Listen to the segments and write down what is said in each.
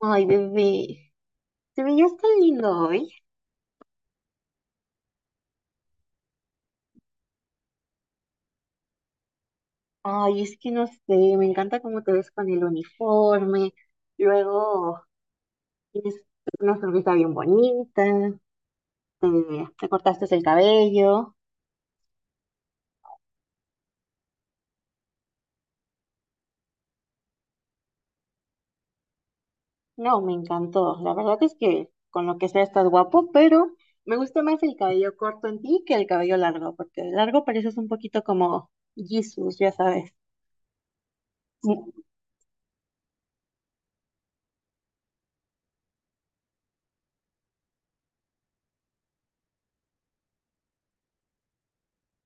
Ay, bebé, te veías tan lindo hoy. Ay, es que no sé, me encanta cómo te ves con el uniforme. Luego tienes una sonrisa bien bonita, te, te cortaste el cabello. No, me encantó. La verdad es que con lo que sea estás guapo, pero me gusta más el cabello corto en ti que el cabello largo, porque el largo pareces un poquito como Jesús, ya sabes.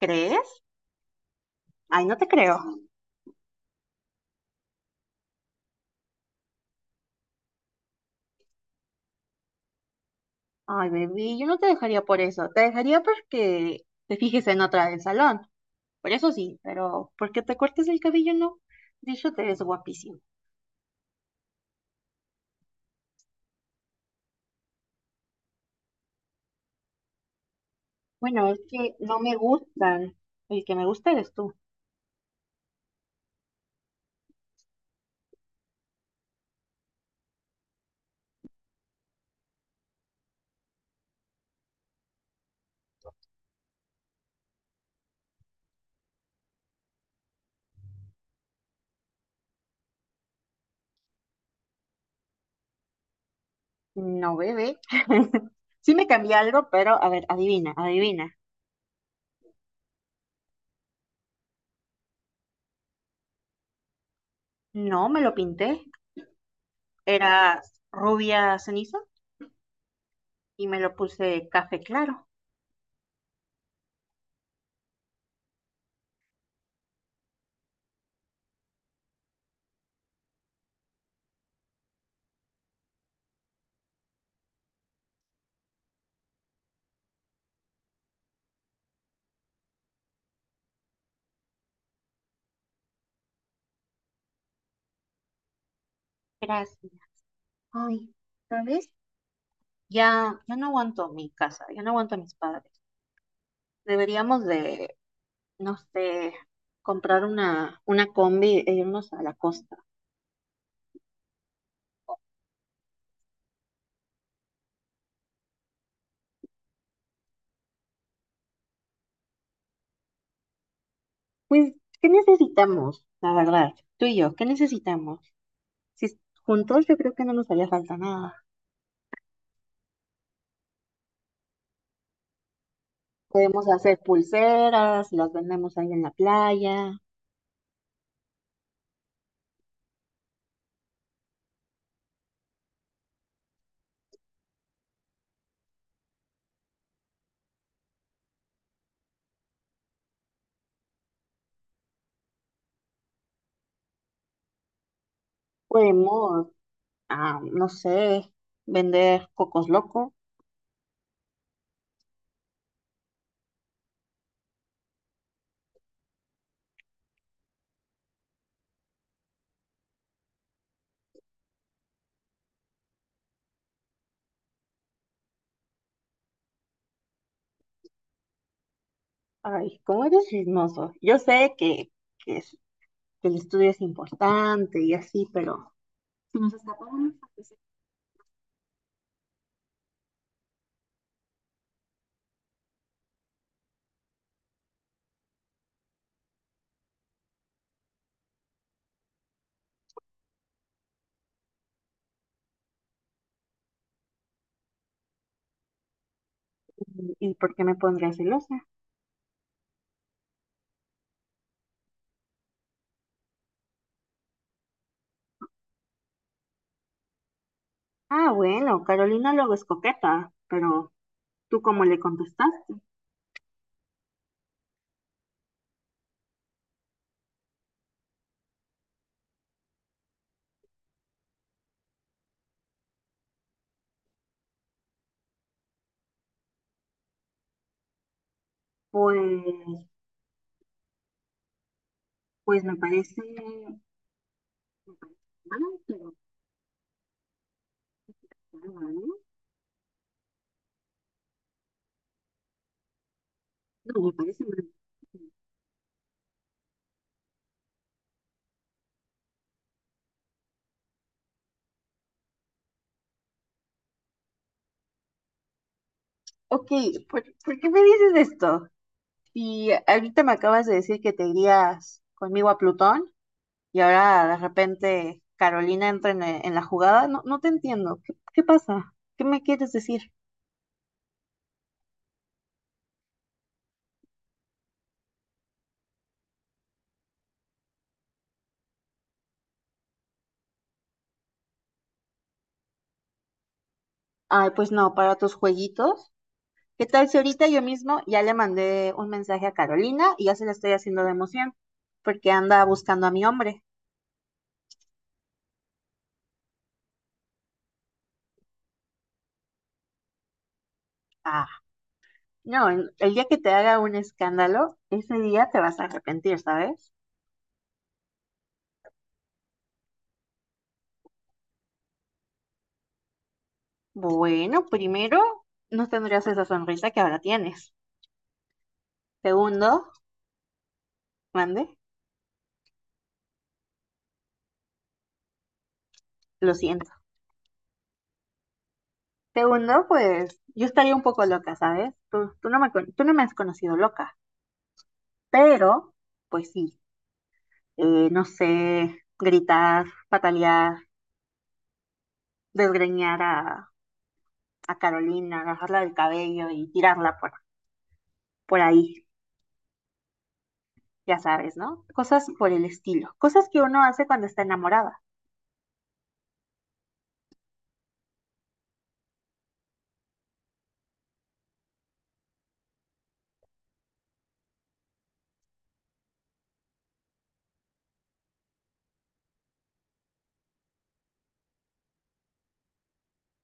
¿Crees? Ay, no te creo. Ay, bebé, yo no te dejaría por eso. Te dejaría porque te fijes en otra del salón. Por eso sí, pero porque te cortes el cabello, no. De hecho, te ves guapísimo. Bueno, es que no me gustan. El que me gusta eres tú. No, bebé. Sí me cambié algo, pero a ver, adivina, adivina. No, me lo pinté. Era rubia ceniza y me lo puse café claro. Gracias. Ay, ¿sabes? Ya, ya no aguanto mi casa, ya no aguanto a mis padres. Deberíamos de no sé, comprar una combi e irnos a la costa. Pues, ¿qué necesitamos? La verdad, tú y yo, ¿qué necesitamos? Si juntos yo creo que no nos haría falta nada. Podemos hacer pulseras, las vendemos ahí en la playa. Podemos, ah, no sé, vender cocos locos. Ay, cómo eres chismoso. Yo sé que que el estudio es importante y así, pero... Si nos escapamos, ¿y por qué me pondría celosa? Ah, bueno, Carolina luego es coqueta, pero ¿tú cómo le contestaste? Pues, me parece mal, pero claro, ¿no? No, me parece mal. Ok, ¿ por qué me dices esto? Y ahorita me acabas de decir que te irías conmigo a Plutón y ahora de repente Carolina entra en la jugada. No, no te entiendo. ¿ qué pasa? ¿Qué me quieres decir? Ay, pues no, para tus jueguitos. ¿Qué tal si ahorita yo mismo ya le mandé un mensaje a Carolina y ya se la estoy haciendo de emoción? Porque anda buscando a mi hombre. Ah, no, el día que te haga un escándalo, ese día te vas a arrepentir, ¿sabes? Bueno, primero, no tendrías esa sonrisa que ahora tienes. Segundo, mande, lo siento. Segundo, pues yo estaría un poco loca, ¿sabes? Tú tú no me has conocido loca, pero, pues sí, no sé, gritar, patalear desgreñar a Carolina, agarrarla del cabello y tirarla por ahí, ya sabes, ¿no? Cosas por el estilo, cosas que uno hace cuando está enamorada.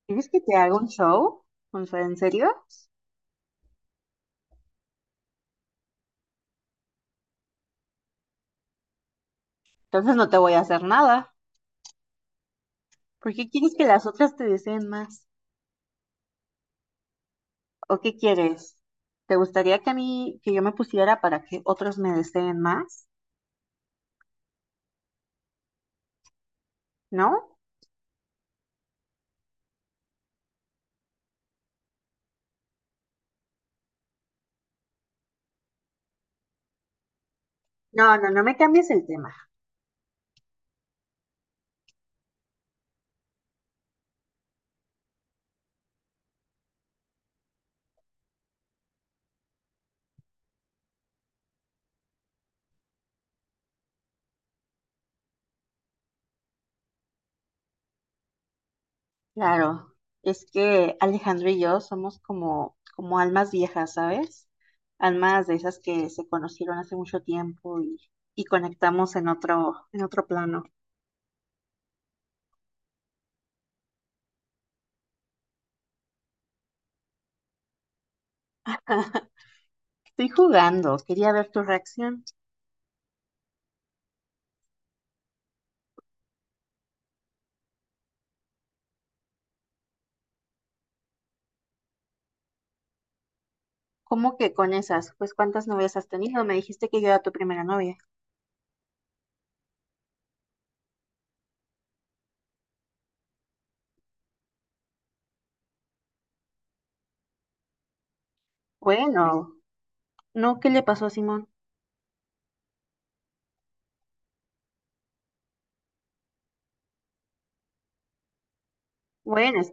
¿Quieres que te haga un show? O sea, ¿en serio? Entonces no te voy a hacer nada. ¿Por qué quieres que las otras te deseen más? ¿O qué quieres? ¿Te gustaría que yo me pusiera para que otros me deseen más? ¿No? No, no, no me cambies el tema. Claro, es que Alejandro y yo somos como almas viejas, ¿sabes? Almas de esas que se conocieron hace mucho tiempo y conectamos en otro plano. Estoy jugando, quería ver tu reacción. ¿Cómo que con esas? Pues ¿cuántas novias has tenido? Me dijiste que yo era tu primera novia. Bueno, no, ¿qué le pasó a Simón? Bueno,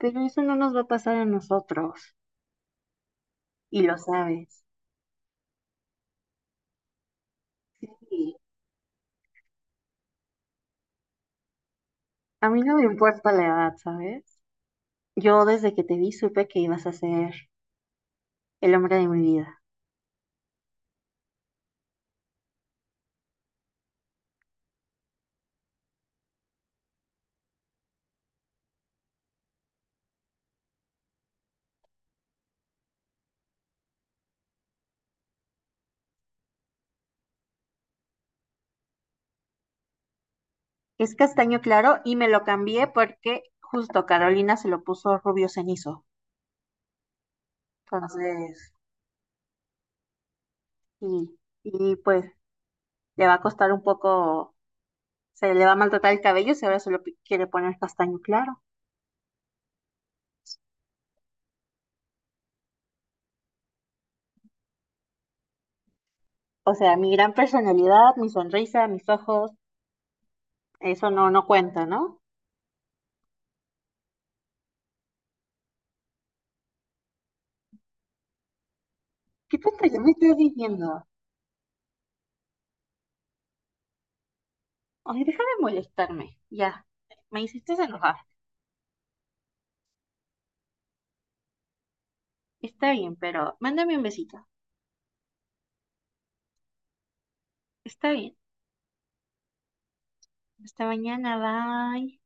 pero eso no nos va a pasar a nosotros, y lo sabes. Y a mí no me importa la edad, ¿sabes? Yo desde que te vi supe que ibas a ser el hombre de mi vida. Es castaño claro y me lo cambié porque justo Carolina se lo puso rubio cenizo. Entonces, y, y pues le va a costar un poco, se le va a maltratar el cabello si ahora se lo pi- quiere poner castaño claro. O sea, mi gran personalidad, mi sonrisa, mis ojos, eso no, no cuenta, ¿no? ¿Qué tontería me estás diciendo? Ay, deja de molestarme, ya. Me hiciste enojar. Está bien, pero mándame un besito. Está bien. Hasta mañana, bye.